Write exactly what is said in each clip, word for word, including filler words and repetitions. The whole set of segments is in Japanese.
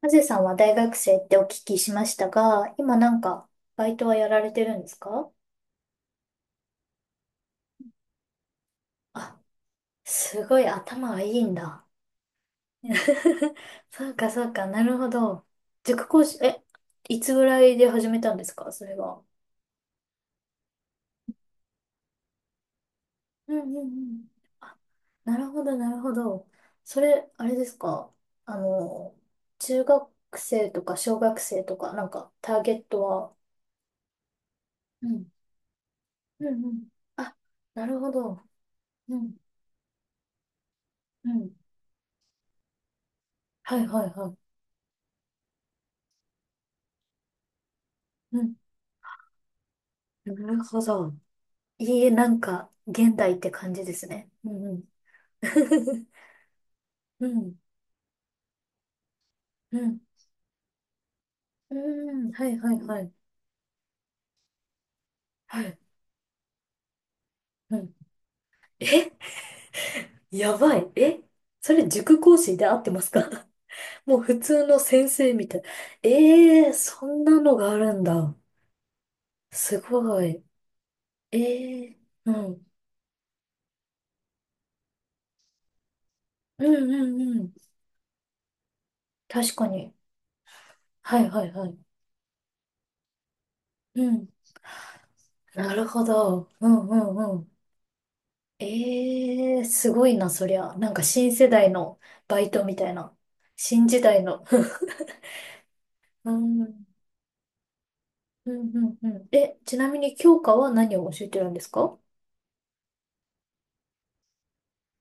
ハゼさんは大学生ってお聞きしましたが、今なんか、バイトはやられてるんですか？あ、すごい頭がいいんだ。そうかそうか、なるほど。塾講師、え、いつぐらいで始めたんですか、それは？うんうんうん。あ、なるほどなるほど。それ、あれですか？あの、中学生とか小学生とか、なんか、ターゲットは、うん、うんうん。あ、なるほど。うん、うん。はいはいはい、うん。なるほど。いい、なんか、現代って感じですね。うんうん。うん、うん、うん、はいはいはい。はい、うん。え、やばい。え、それ塾講師で合ってますか？ もう普通の先生みたい。ええー、そんなのがあるんだ。すごい。ええー、うん、うん、うん、うん。確かに。はいはいはい。うん。なるほど。うん、うん、うん。ええすごいな、そりゃ。なんか新世代のバイトみたいな。新時代の。うん、うん、うん、うん。え、ちなみに教科は何を教えてるんですか？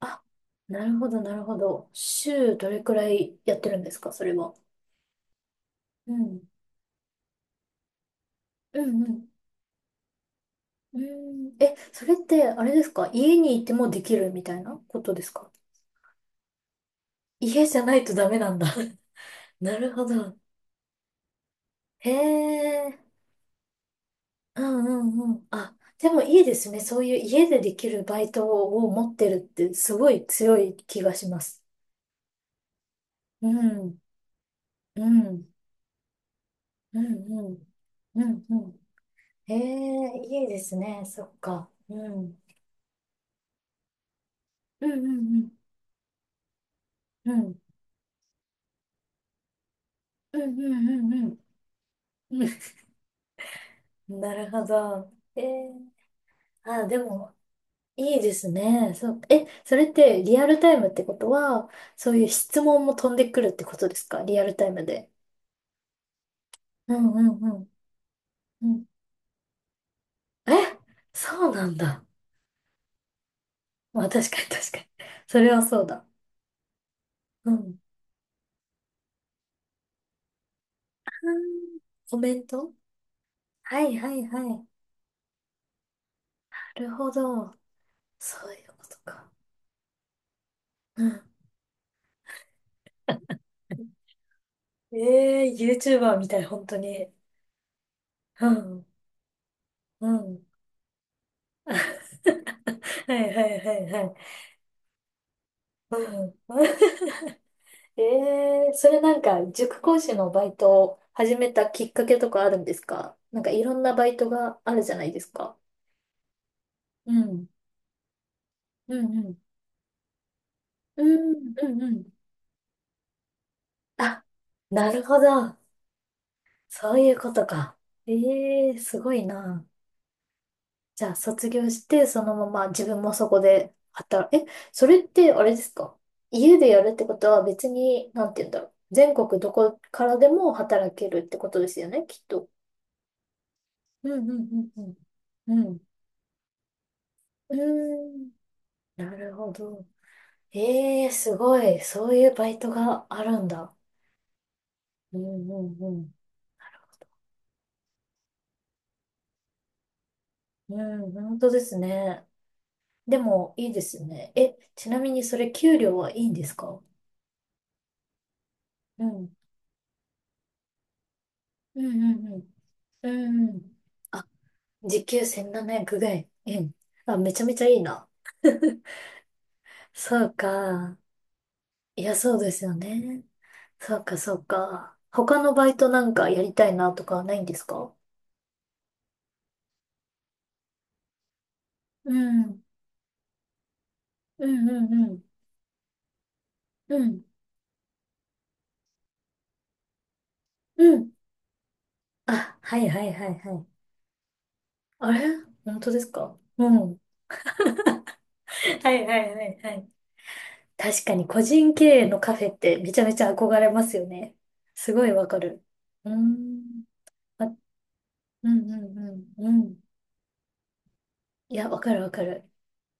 あ、なるほど、なるほど。週どれくらいやってるんですか、それは？うん、うん、うん。うん、え、それって、あれですか、家にいてもできるみたいなことですか？家じゃないとダメなんだ。なるほど。へえ。うんうんうん。あ、でもいいですね。そういう家でできるバイトを持ってるってすごい強い気がします。うん、うん、うん、うん、うん、うん。へえ、いいですね。そっか。うん、うん、うん、うん、うん、うん、うん、うん。うんうん、なるほど。えー、あ、でも、いいですね。そう、え、それってリアルタイムってことは、そういう質問も飛んでくるってことですか、リアルタイムで？うんうんうん。え、そうなんだ。まあ確かに確かに。それはそうだ。うん。コメント、はいはいはい。なるほど。そういうことか。うん。ええー、YouTuber みたい、本当に。うん。うん。はいはいはいはい。うん。ええー、それなんか、塾講師のバイトを始めたきっかけとかあるんですか？なんかいろんなバイトがあるじゃないですか。うん。うんうん。うんうんうん。あ、なるほど。そういうことか。ええ、すごいな。じゃあ、卒業して、そのまま自分もそこで働、え、それってあれですか、家でやるってことは別に、なんて言うんだろう。全国どこからでも働けるってことですよね、きっと。うんうんうんうん。うん。うーん。なるほど。ええ、すごい。そういうバイトがあるんだ。うんうんうん。うん、本当ですね。でも、いいですね。え、ちなみにそれ給料はいいんですか？うん。うんうんうん。うんうん。あ、時給せんななひゃくぐらい。うん。あ、めちゃめちゃいいな。そうか。いや、そうですよね。そうか、そうか。他のバイトなんかやりたいなとかはないんですか？うん。うんうんうん。うん。うん。あ、はいはいはいはい。あれ、本当ですか？うん。はいはいはいはい。確かに個人経営のカフェってめちゃめちゃ憧れますよね。すごいわかる。うーん。うんうんうんうん。いや、わかるわかる。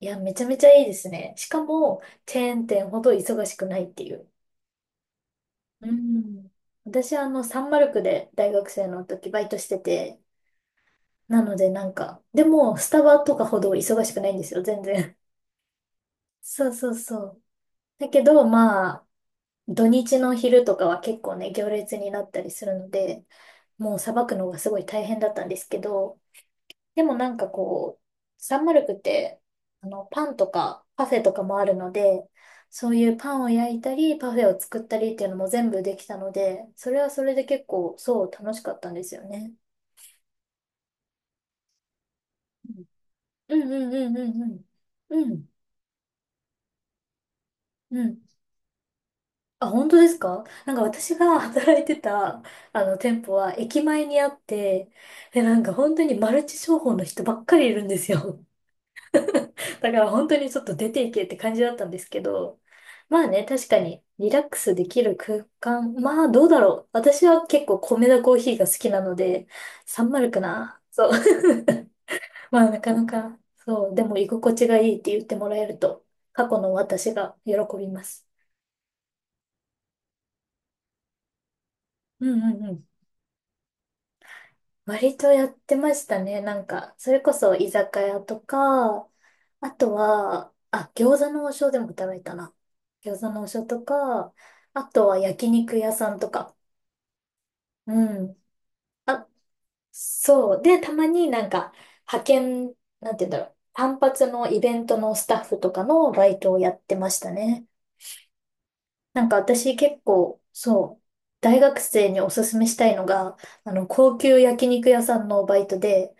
いや、めちゃめちゃいいですね。しかも、チェーン店ほど忙しくないっていう。うん。私、あの、サンマルクで大学生の時バイトしてて、なのでなんか、でも、スタバとかほど忙しくないんですよ、全然。そうそうそう。だけど、まあ、土日の昼とかは結構ね、行列になったりするので、もうさばくのがすごい大変だったんですけど、でもなんかこう、サンマルクって、あの、パンとかパフェとかもあるので、そういうパンを焼いたり、パフェを作ったりっていうのも全部できたので、それはそれで結構、そう、楽しかったんですよね。うんうんうんうんうん。うん。うん。あ、本当ですか？なんか私が 働いてた、あの、店舗は駅前にあって、で、なんか本当にマルチ商法の人ばっかりいるんですよ。だから本当にちょっと出ていけって感じだったんですけど、まあね、確かにリラックスできる空間、まあどうだろう。私は結構米田コーヒーが好きなので、サンマルクな。そう。まあなかなか、そう。でも居心地がいいって言ってもらえると、過去の私が喜びます。うんうんうん。割とやってましたね。なんか、それこそ居酒屋とか、あとは、あ、餃子の王将でも食べたな。餃子の王将とか、あとは焼肉屋さんとか。うん。そう。で、たまになんか、派遣、なんて言うんだろう。単発のイベントのスタッフとかのバイトをやってましたね。なんか私結構、そう、大学生におすすめしたいのが、あの、高級焼肉屋さんのバイトで、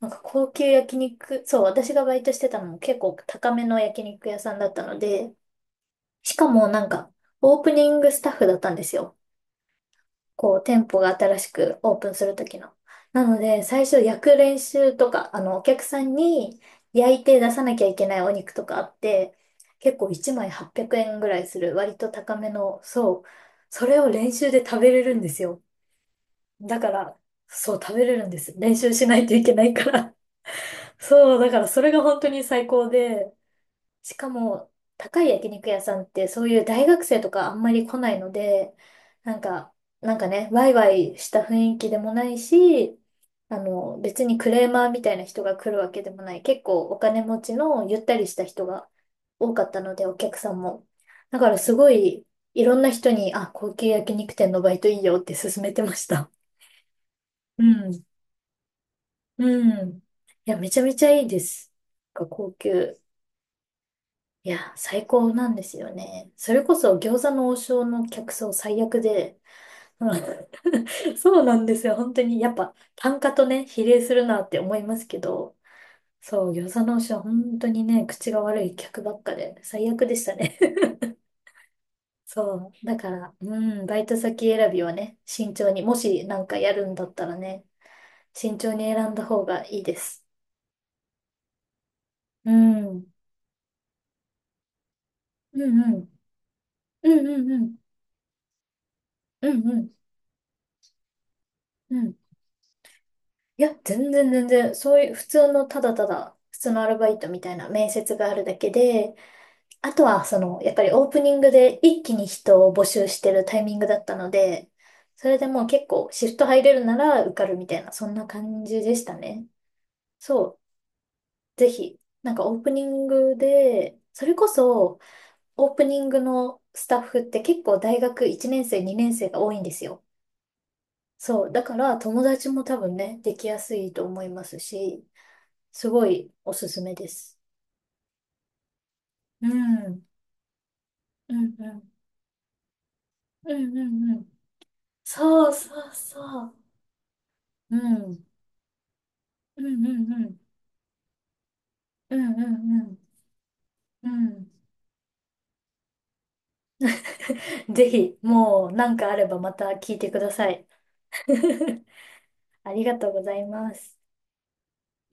なんか高級焼肉、そう、私がバイトしてたのも結構高めの焼肉屋さんだったので、しかもなんかオープニングスタッフだったんですよ。こう、店舗が新しくオープンする時の。なので、最初焼く練習とか、あの、お客さんに焼いて出さなきゃいけないお肉とかあって、結構いちまいはっぴゃくえんぐらいする割と高めの、そう、それを練習で食べれるんですよ。だから、そう、食べれるんです。練習しないといけないから。そう、だからそれが本当に最高で、しかも高い焼肉屋さんってそういう大学生とかあんまり来ないので、なんか、なんかね、ワイワイした雰囲気でもないし、あの、別にクレーマーみたいな人が来るわけでもない。結構お金持ちのゆったりした人が多かったので、お客さんも。だからすごい、いろんな人に、あ、高級焼肉店のバイトいいよって勧めてました。うん。うん。いや、めちゃめちゃいいです。なんか高級。いや、最高なんですよね。それこそ餃子の王将の客層最悪で、うん、 そうなんですよ。本当に、やっぱ単価とね、比例するなって思いますけど、そう、餃子の王将は本当にね、口が悪い客ばっかで、最悪でしたね。そう、だから、うん、バイト先選びはね、慎重に、もしなんかやるんだったらね、慎重に選んだ方がいいです。うん、うんうん、うんうんうん、うんうん、うん、いや、全然全然、そういう普通のただただ、普通のアルバイトみたいな面接があるだけで、あとはその、やっぱりオープニングで一気に人を募集してるタイミングだったので、それでもう結構シフト入れるなら受かるみたいな、そんな感じでしたね。そう、ぜひ、なんかオープニングで、それこそオープニングのスタッフって結構大学いちねん生、にねん生が多いんですよ。そう、だから友達も多分ね、できやすいと思いますし、すごいおすすめです。うん。うんうん。うんうんうん。そうそうそう。うん。うんうんうん。うんうんうん。うん。ぜひ、もう何かあればまた聞いてください。ありがとうございます。